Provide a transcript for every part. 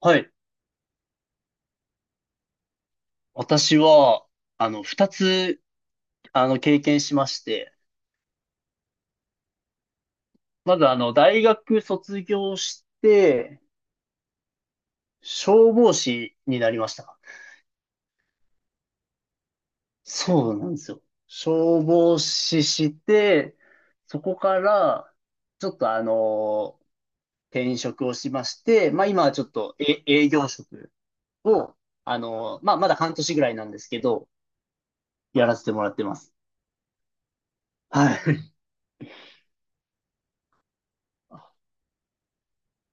はい。私は、二つ、経験しまして、まず、大学卒業して、消防士になりました。そうなんですよ。消防士して、そこから、ちょっとあの、転職をしまして、まあ、今はちょっと、営業職を、まあ、まだ半年ぐらいなんですけど、やらせてもらってます。はい。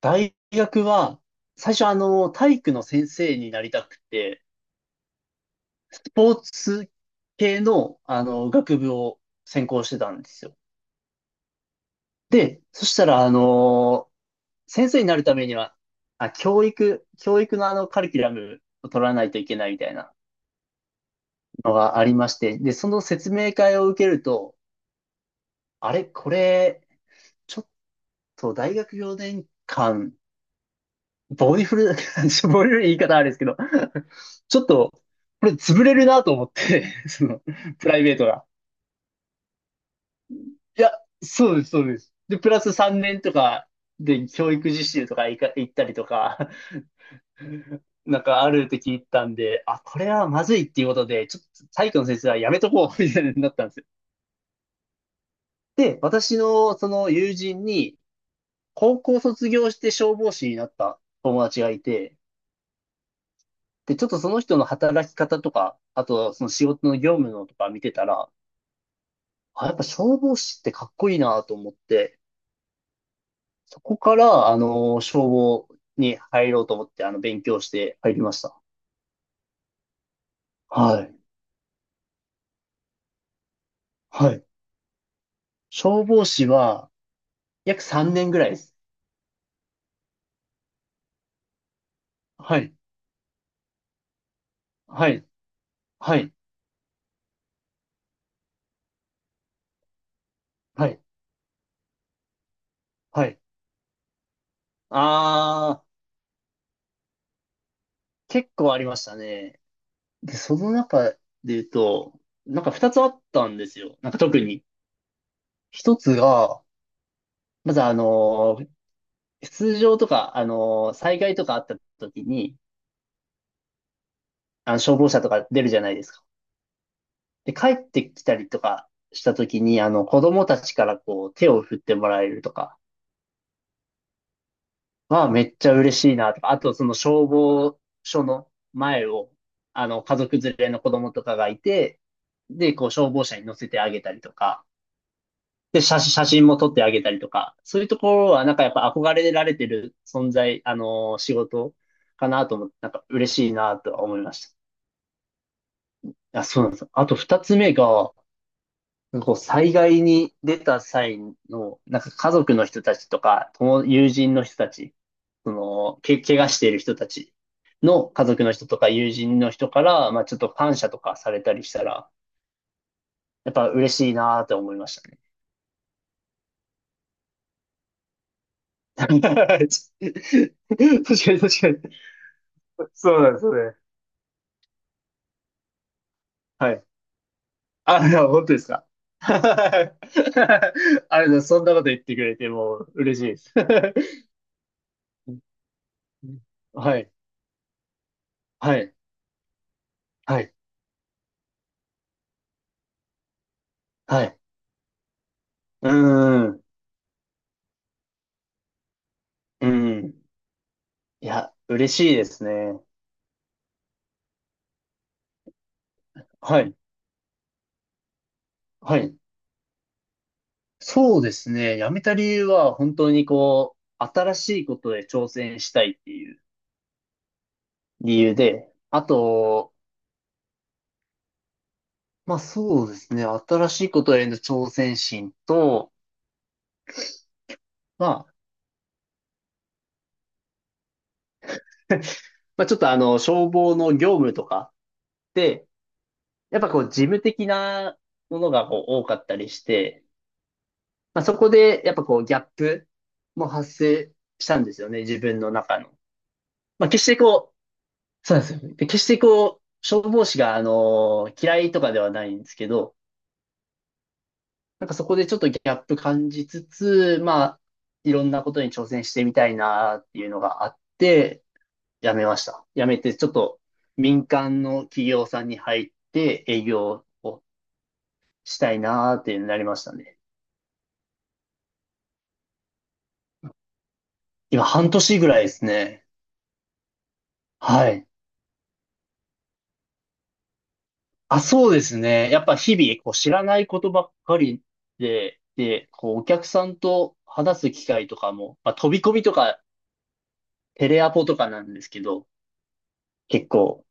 大学は、最初体育の先生になりたくて、スポーツ系の、学部を専攻してたんですよ。で、そしたら、先生になるためには、教育のカリキュラムを取らないといけないみたいなのがありまして、で、その説明会を受けると、あれ、これ、ちょっと大学4年間ボディフル、ボディフル言い方あれですけど、ちょっと、これ潰れるなと思って、その、プライベートが。いや、そうです、そうです。で、プラス3年とかで教育実習とか行ったりとか、なんかあるって聞いたんで、あ、これはまずいっていうことで、ちょっと体育の先生はやめとこう、みたいになったんですよ。で、私のその友人に、高校卒業して消防士になった友達がいて、で、ちょっとその人の働き方とか、あとその仕事の業務のとか見てたら、あ、やっぱ消防士ってかっこいいなと思って、そこから、消防に入ろうと思って、勉強して入りました。はい。はい。消防士は、約3年ぐらいです。はい。はい。はい。はい。はい。あー、結構ありましたね。で、その中で言うと、なんか2つあったんですよ。なんか特に。一つが、まず通常とか、災害とかあった時に、消防車とか出るじゃないですか。で、帰ってきたりとかした時に、子供たちからこう、手を振ってもらえるとかはめっちゃ嬉しいなとか、あとその消防署の前を、家族連れの子供とかがいて、で、こう、消防車に乗せてあげたりとか、で、写真も撮ってあげたりとか、そういうところはなんかやっぱ憧れられてる存在、仕事かなと思って、なんか嬉しいなとは思いました。あ、そうなんです。あと二つ目が、なんかこう災害に出た際の、なんか家族の人たちとか、友人の人たち、怪我している人たちの家族の人とか友人の人から、まあちょっと感謝とかされたりしたら、やっぱ嬉しいなーって思いましたね。確かに確かに。そうなんですよね。はい。あ、いや、本当ですか。あれだ、そんなこと言ってくれてもう嬉しいです。はい。はい、はい、はい。うーん、うん。いや、嬉しいですね。はい、はい。そうですね。辞めた理由は、本当にこう、新しいことで挑戦したいっていう理由で、あと、まあそうですね。新しいことへの挑戦心と、まあ、まあ、ちょっとあの、消防の業務とかって、やっぱこう、事務的なものがこう多かったりして、まあ、そこで、やっぱこう、ギャップも発生したんですよね、自分の中の。まあ、決してこう、そうなんですよ。で、決してこう、消防士が、嫌いとかではないんですけど、なんかそこでちょっとギャップ感じつつ、まあ、いろんなことに挑戦してみたいなっていうのがあって、辞めました。辞めて、ちょっと民間の企業さんに入って営業をしたいなっていうのになりましたね。今、半年ぐらいですね。はい。あ、そうですね。やっぱ日々、こう、知らないことばっかりで、で、こう、お客さんと話す機会とかも、まあ、飛び込みとか、テレアポとかなんですけど、結構、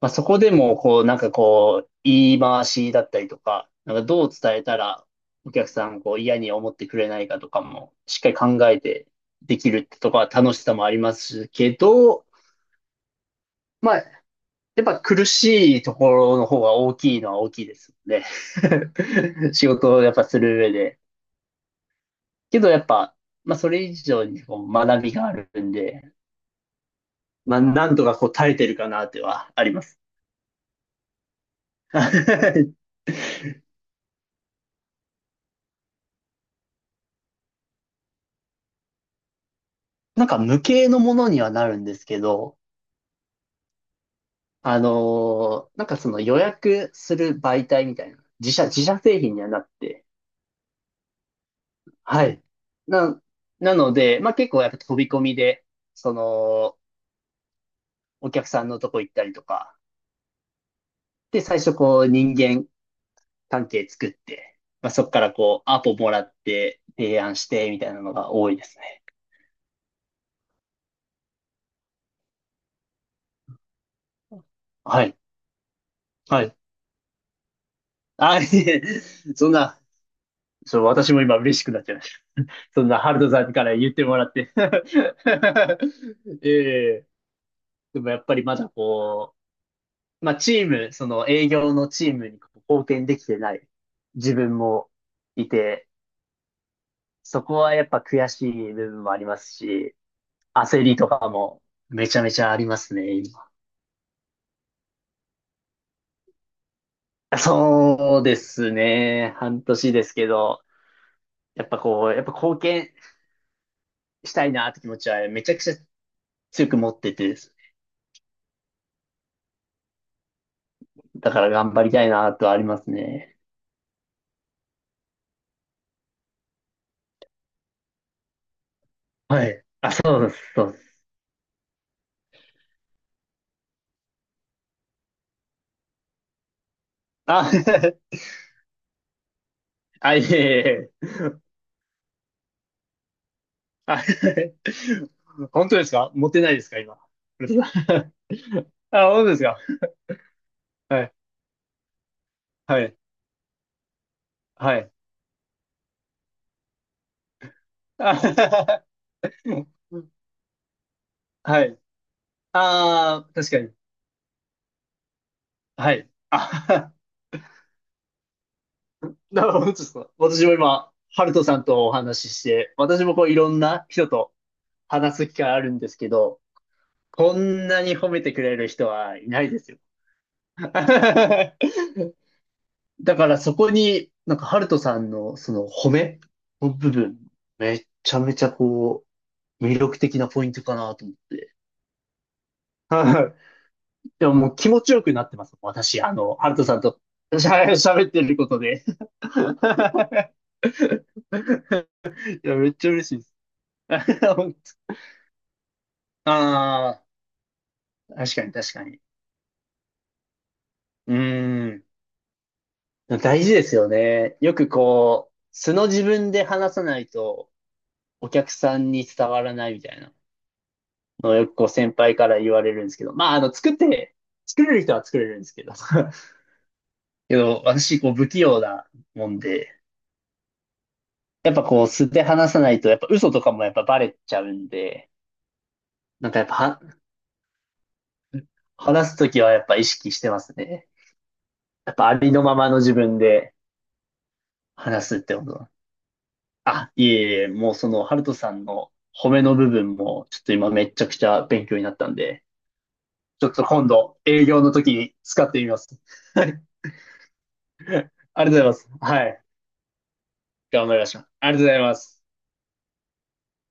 まあ、そこでも、こう、なんかこう、言い回しだったりとか、なんかどう伝えたら、お客さん、こう、嫌に思ってくれないかとかも、しっかり考えてできるってとこは楽しさもありますけど、まあ、やっぱ苦しいところの方が大きいのは大きいですので 仕事をやっぱする上で。けどやっぱ、まあそれ以上にこう学びがあるんで、まあなんとかこう耐えてるかなってはあります。なんか無形のものにはなるんですけど、なんかその予約する媒体みたいな、自社製品にはなって、はい。な、なので、まあ結構やっぱ飛び込みで、その、お客さんのとこ行ったりとか、で、最初こう人間関係作って、まあ、そこからこうアポもらって提案してみたいなのが多いですね。はい。はい。あ、いえ、そんな、そう、私も今嬉しくなっちゃいました。そんなハルトさんから言ってもらって。ええ、でもやっぱりまだこう、まあチーム、その営業のチームにこう貢献できてない自分もいて、そこはやっぱ悔しい部分もありますし、焦りとかもめちゃめちゃありますね、今。そうですね。半年ですけど、やっぱこう、やっぱ貢献したいなって気持ちはめちゃくちゃ強く持っててですね。だから頑張りたいなとはありますね。はい。あ、そうです、そうです。あ、あ、いえいえいえ。あ 本当ですか持ってないですか今。あ、本当ですか。はい、はい、はい。あ はい。ああ、確かに。はい。あ なるほど、本当ですか。私も今、ハルトさんとお話しして、私もこういろんな人と話す機会あるんですけど、こんなに褒めてくれる人はいないですよ。だからそこに、なんかハルトさんのその褒めの部分、めちゃめちゃこう、魅力的なポイントかなと思って。はい。でももう気持ちよくなってます。私、ハルトさんと、喋ってることで。いや、めっちゃ嬉しいです。本当、ああ、確かに確かに。うーん。大事ですよね。よくこう、素の自分で話さないとお客さんに伝わらないみたいなのをよくこう先輩から言われるんですけど、まあ、作って、作れる人は作れるんですけど、けど、私、こう、不器用なもんで、やっぱこう、素で話さないと、やっぱ嘘とかもやっぱバレちゃうんで、なんかやっぱは、話すときはやっぱ意識してますね。やっぱありのままの自分で話すってことだ。いえいえ、もうその、ハルトさんの褒めの部分も、ちょっと今めちゃくちゃ勉強になったんで、ちょっと今度、営業の時に使ってみます。はい。ありがとうございます。はい。頑張りましょう。ありがとうございます。